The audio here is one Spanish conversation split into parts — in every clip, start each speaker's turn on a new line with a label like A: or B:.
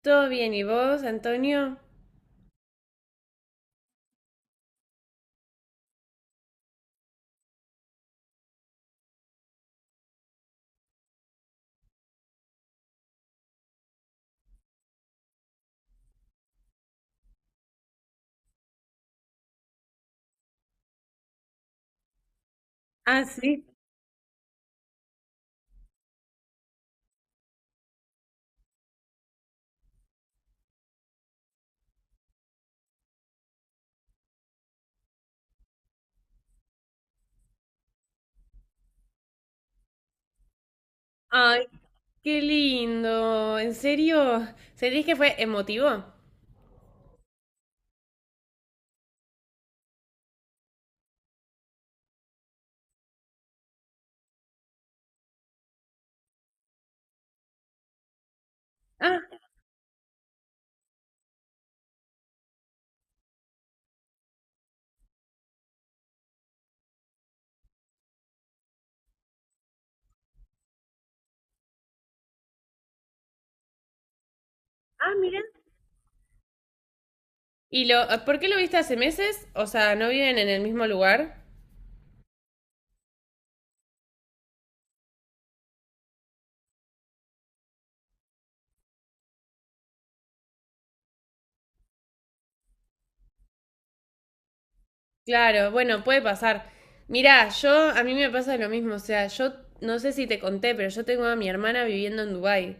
A: Todo bien, ¿y vos, Antonio? Ah, sí. Ay, qué lindo. ¿En serio? ¿Sentís que fue emotivo? Ah, ah, mira. ¿ Por qué lo viste hace meses? O sea, ¿no viven en el mismo lugar? Claro, bueno, puede pasar. Mirá, yo, a mí me pasa lo mismo. O sea, yo no sé si te conté, pero yo tengo a mi hermana viviendo en Dubái.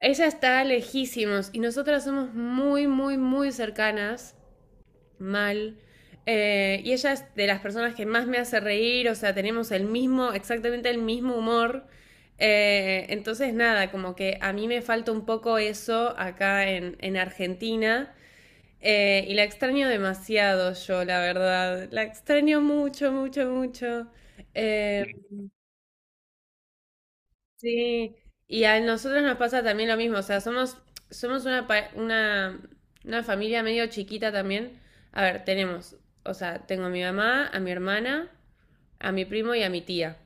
A: Ella está lejísimos y nosotras somos muy, muy, muy cercanas. Mal. Y ella es de las personas que más me hace reír, o sea, tenemos el mismo, exactamente el mismo humor. Entonces, nada, como que a mí me falta un poco eso acá en Argentina. Y la extraño demasiado yo, la verdad. La extraño mucho, mucho, mucho. Eh, Sí, y a nosotros nos pasa también lo mismo, o sea, somos una familia medio chiquita también. A ver, tenemos, o sea, tengo a mi mamá, a mi hermana, a mi primo y a mi tía,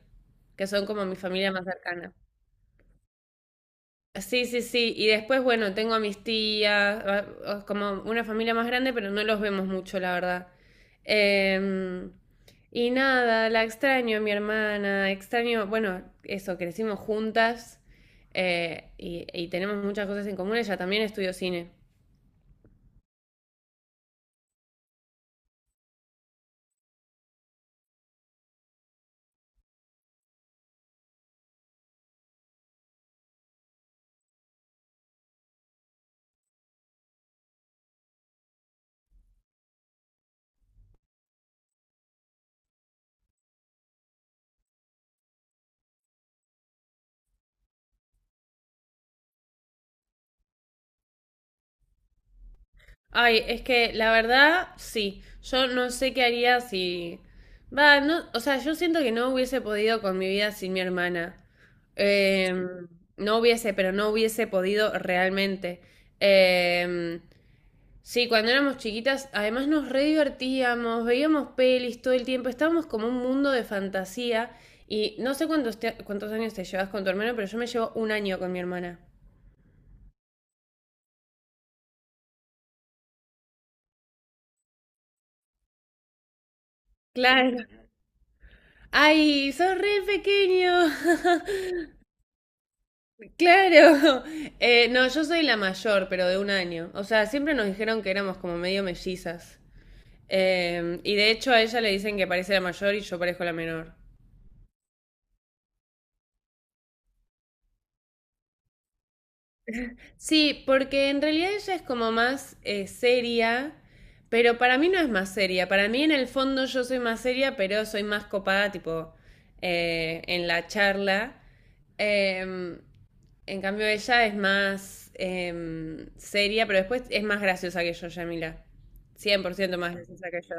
A: que son como mi familia más cercana. Sí, sí, sí. Y después, bueno, tengo a mis tías, como una familia más grande, pero no los vemos mucho, la verdad. Em, y nada, la extraño, a mi hermana, extraño, bueno, eso, crecimos juntas, y tenemos muchas cosas en común. Ella también estudió cine. Ay, es que la verdad, sí. Yo no sé qué haría si. Va, no, o sea, yo siento que no hubiese podido con mi vida sin mi hermana. Em, no hubiese, pero no hubiese podido realmente. Em, sí, cuando éramos chiquitas, además nos re divertíamos, veíamos pelis todo el tiempo, estábamos como un mundo de fantasía. Y no sé cuántos años te llevas con tu hermano, pero yo me llevo un año con mi hermana. Claro. Ay, sos re pequeño. Claro. No, yo soy la mayor, pero de un año. O sea, siempre nos dijeron que éramos como medio mellizas. Y de hecho a ella le dicen que parece la mayor y yo parezco la menor. Sí, porque en realidad ella es como más seria, pero para mí no es más seria. Para mí en el fondo yo soy más seria, pero soy más copada, tipo, en la charla. Em, en cambio ella es más seria, pero después es más graciosa que yo, Yamila. Cien por ciento más graciosa que yo.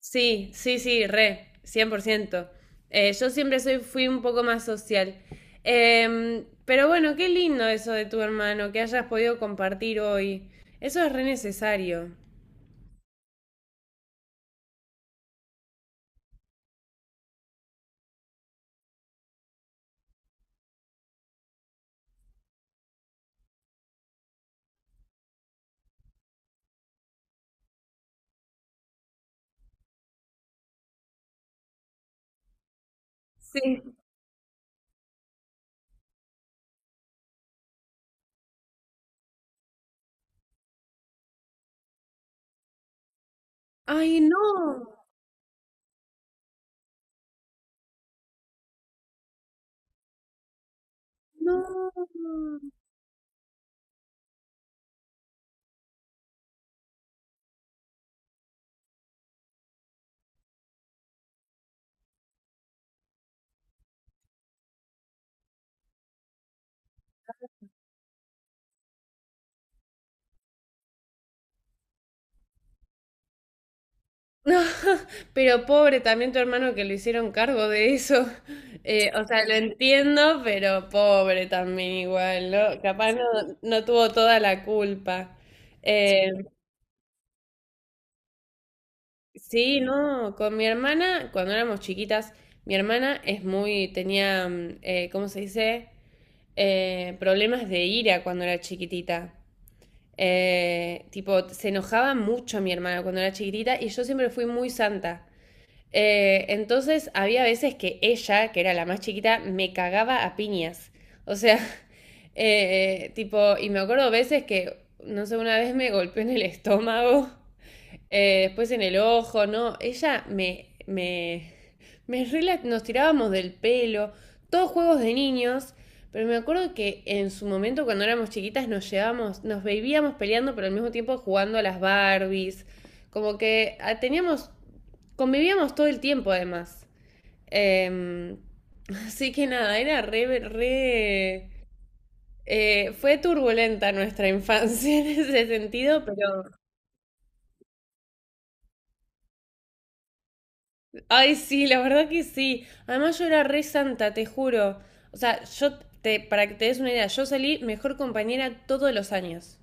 A: Sí, sí, sí, re, 100%. Yo siempre soy, fui un poco más social. Pero bueno, qué lindo eso de tu hermano, que hayas podido compartir hoy. Eso es re necesario. Sí. Ay, no, no. No, pero pobre también tu hermano que lo hicieron cargo de eso. O sea, lo entiendo, pero pobre también igual, ¿no? Capaz no, no tuvo toda la culpa. Eh, Sí, no, con mi hermana, cuando éramos chiquitas, mi hermana es muy, tenía, ¿cómo se dice? Problemas de ira cuando era chiquitita. Tipo, se enojaba mucho mi hermana cuando era chiquitita y yo siempre fui muy santa. Entonces había veces que ella, que era la más chiquita, me cagaba a piñas. O sea, tipo, y me acuerdo veces que, no sé, una vez me golpeó en el estómago. Después en el ojo, ¿no? Ella me, me, me rela- Nos tirábamos del pelo, todos juegos de niños, pero me acuerdo que en su momento cuando éramos chiquitas nos llevábamos, nos bebíamos peleando, pero al mismo tiempo jugando a las Barbies, como que ah, teníamos, convivíamos todo el tiempo además. Em, Así que nada, era re, fue turbulenta nuestra infancia en ese sentido, pero... Ay, sí, la verdad que sí. Además, yo era re santa, te juro. O sea, para que te des una idea, yo salí mejor compañera todos los años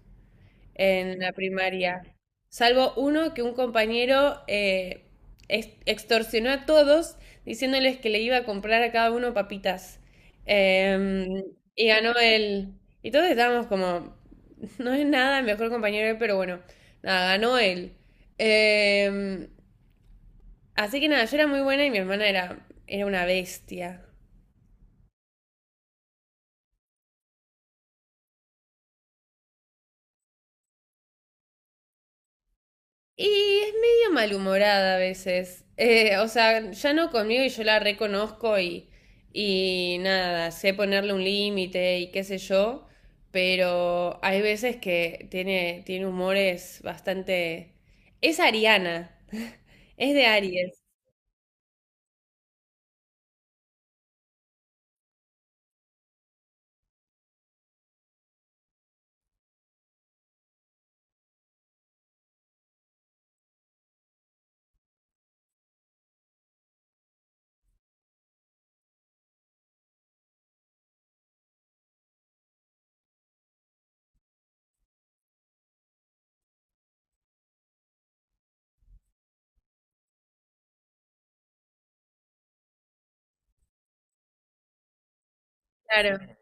A: en la primaria. Salvo uno que un compañero extorsionó a todos diciéndoles que le iba a comprar a cada uno papitas. Em, y ganó él. Y todos estábamos como, no es nada el mejor compañero, pero bueno, nada, ganó él. Em, Así que nada, yo era muy buena y mi hermana era, era una bestia. Y es medio malhumorada a veces. O sea, ya no conmigo y yo la reconozco y, nada, sé ponerle un límite y qué sé yo, pero hay veces que tiene, tiene humores bastante... Es Ariana, es de Aries, claro.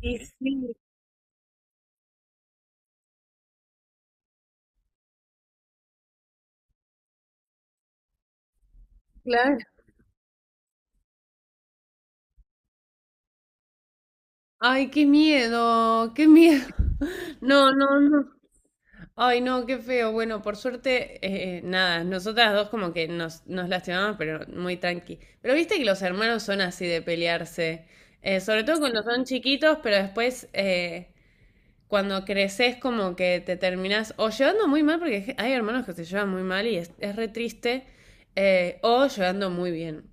A: Y sí, claro. Ay, qué miedo, qué miedo. No, no, no. Ay, no, qué feo. Bueno, por suerte, nada, nosotras dos como que nos, nos lastimamos, pero muy tranqui. Pero viste que los hermanos son así de pelearse, sobre todo cuando son chiquitos, pero después cuando creces como que te terminás o llevando muy mal, porque hay hermanos que se llevan muy mal y es re triste, o llevando muy bien.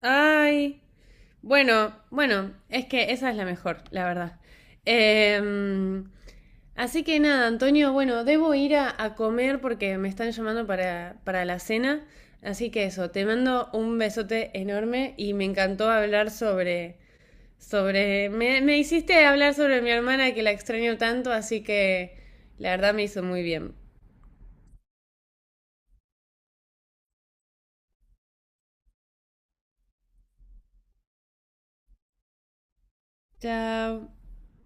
A: Ay, bueno, bueno, es que esa es la mejor, la verdad. Em, Así que nada, Antonio, bueno, debo ir a comer porque me están llamando para la cena. Así que eso, te mando un besote enorme y me encantó hablar sobre, me hiciste hablar sobre mi hermana que la extraño tanto, así que la verdad me hizo muy bien. Chao.